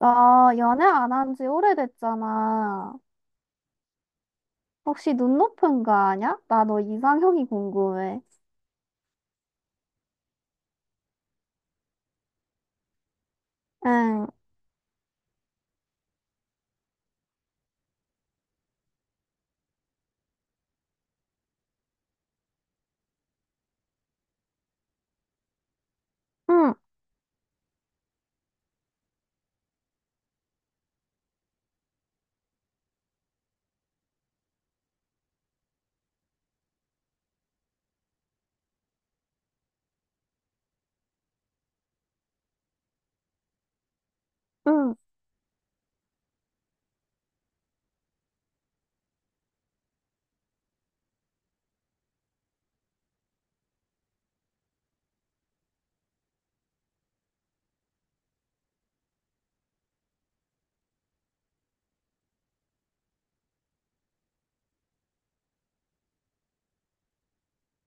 아, 연애 안 한 지 오래됐잖아. 혹시 눈 높은 거 아냐? 나 너 이상형이 궁금해. 응, 응, 응.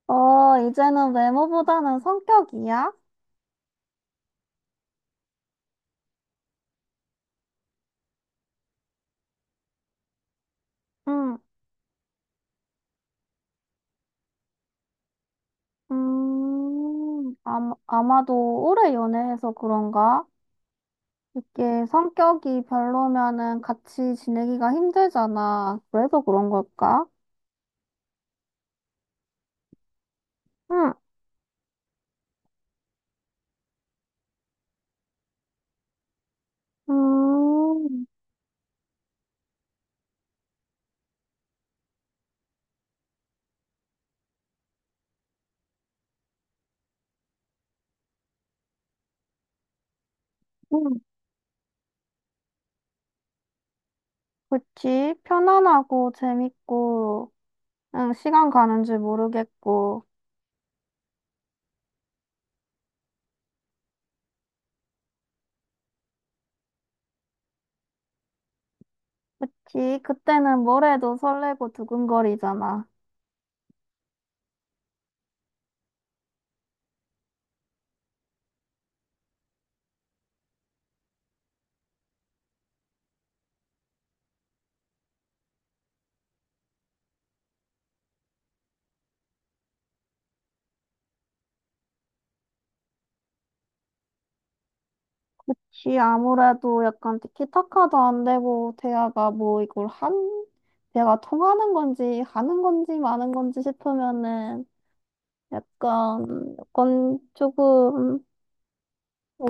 어, 이제는 외모보다는 성격이야? 응. 아마도 오래 연애해서 그런가? 이게 성격이 별로면은 같이 지내기가 힘들잖아. 그래서 그런 걸까? 응, 음, 응. 그치? 편안하고 재밌고. 응, 시간 가는 줄 모르겠고. 그치, 그때는 뭘 해도 설레고 두근거리잖아. 지 아무래도 약간 티키타카도 안 되고, 대화가 뭐 이걸 한, 대화가 통하는 건지, 하는 건지, 마는 건지 싶으면은, 약간, 약간 조금,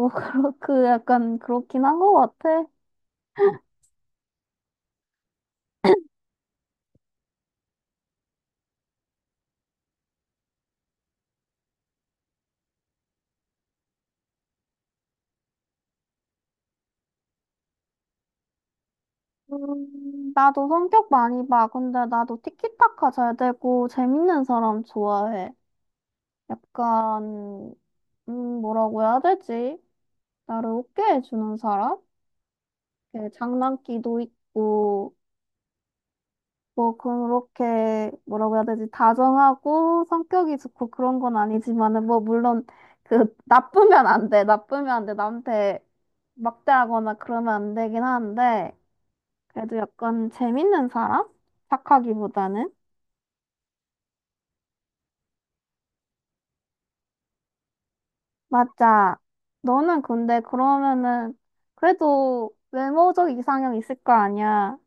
그 약간 그렇긴 한 것 같아. 나도 성격 많이 봐. 근데 나도 티키타카 잘 되고, 재밌는 사람 좋아해. 약간, 뭐라고 해야 되지? 나를 웃게 해주는 사람? 이렇게 장난기도 있고, 뭐, 그렇게, 뭐라고 해야 되지? 다정하고, 성격이 좋고 그런 건 아니지만은, 뭐, 물론, 그, 나쁘면 안 돼. 나쁘면 안 돼. 남한테 막대하거나 그러면 안 되긴 한데, 그래도 약간 재밌는 사람? 착하기보다는? 맞아. 너는 근데 그러면은, 그래도 외모적 이상형 있을 거 아니야?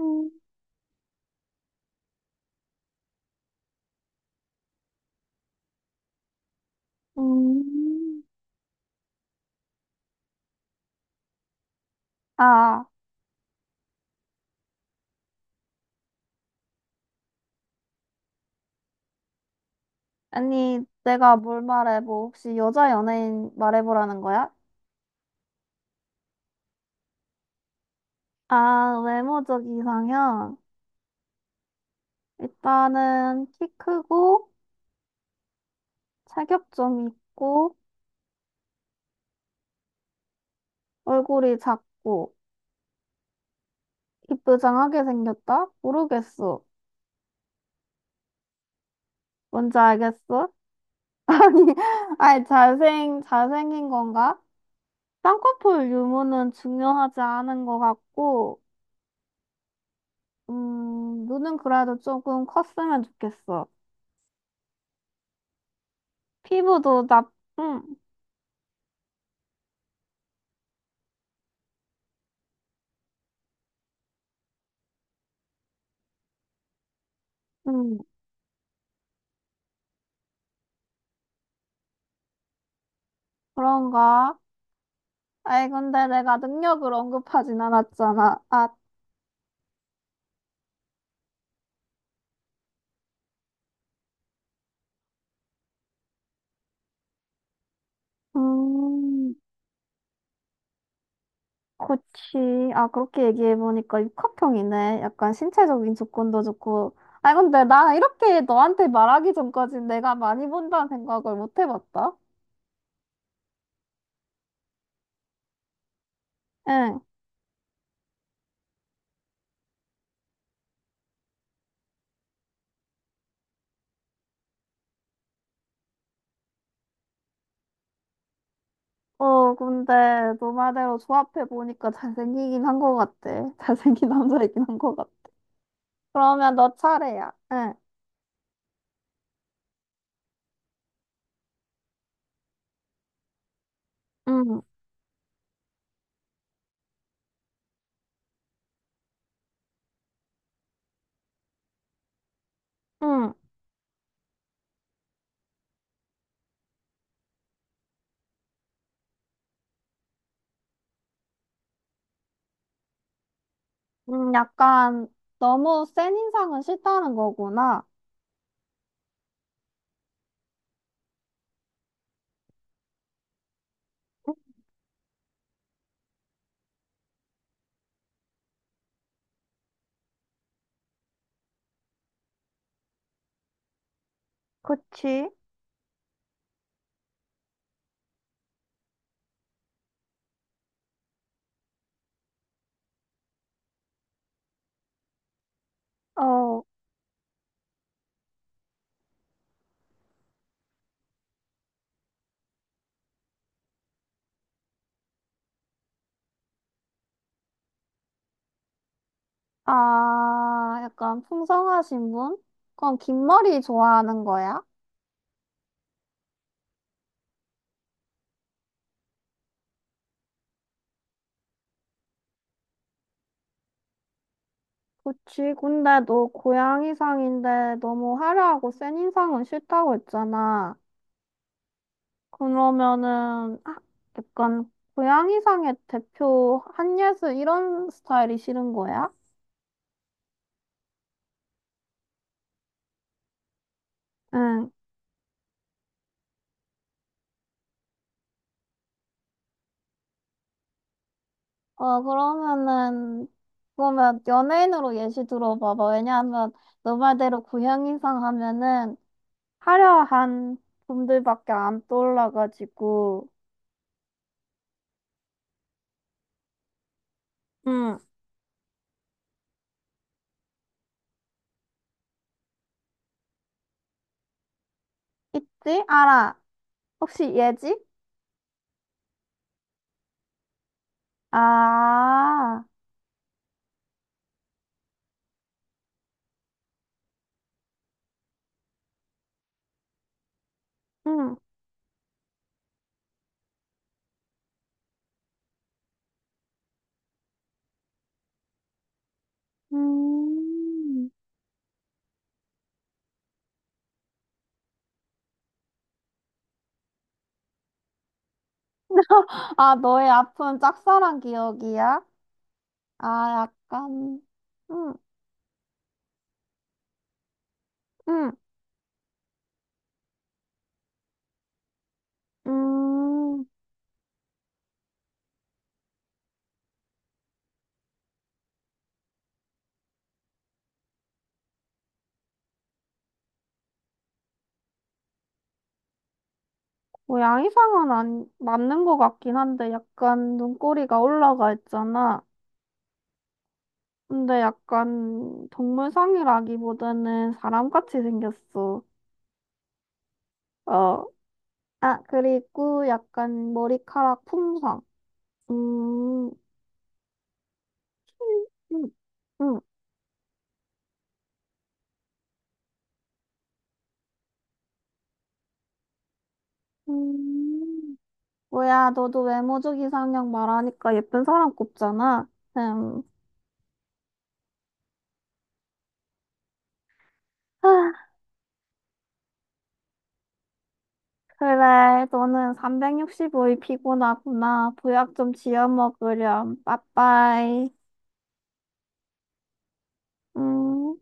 음, 음. 아, 아니, 내가 뭘 말해? 뭐, 혹시 여자 연예인 말해보라는 거야? 아, 외모적 이상형. 일단은 키 크고, 체격점 있고, 얼굴이 작고, 이쁘장하게 생겼다? 모르겠어. 뭔지 알겠어? 아니, 아니, 잘생긴 건가? 쌍꺼풀 유무는 중요하지 않은 것 같고, 눈은 그래도 조금 컸으면 좋겠어. 피부도 나, 음. 음. 그런가? 아이, 근데 내가 능력을 언급하진 않았잖아. 아, 음, 그치. 아, 그렇게 얘기해보니까 육학형이네. 약간 신체적인 조건도 좋고. 아 근데 나 이렇게 너한테 말하기 전까지 내가 많이 본다는 생각을 못 해봤다. 응. 어, 근데 너 말대로 조합해보니까 잘생기긴 한 것 같아. 잘생긴 남자이긴 한 것 같아. 그러면 너 차례야. 응. 응. 응. 약간 너무 센 인상은 싫다는 거구나. 그치? 어, 아, 약간 풍성하신 분? 그럼 긴 머리 좋아하는 거야? 그치. 근데 너 고양이상인데 너무 화려하고 센 인상은 싫다고 했잖아. 그러면은 아, 약간 고양이상의 대표 한예슬 이런 스타일이 싫은 거야? 응 어, 그러면은, 그러면 연예인으로 예시 들어봐봐. 왜냐하면, 너 말대로 고향이상 하면은, 화려한 분들밖에 안 떠올라가지고, 응, 있지? 알아. 혹시 예지? 아, 응. 음. 아, 너의 아픈 짝사랑 기억이야? 아, 약간, 음, 응. 음. 뭐 양이상은 안, 맞는 것 같긴 한데 약간 눈꼬리가 올라가 있잖아. 근데 약간 동물상이라기보다는 사람같이 생겼어. 어. 아, 그리고 약간 머리카락 품성. 음, 음, 음, 음. 뭐야, 너도 외모적 이상형 말하니까 예쁜 사람 꼽잖아. 음. 아, 그래, 너는 365일 피곤하구나. 보약 좀 지어 먹으렴. 빠빠이. 음.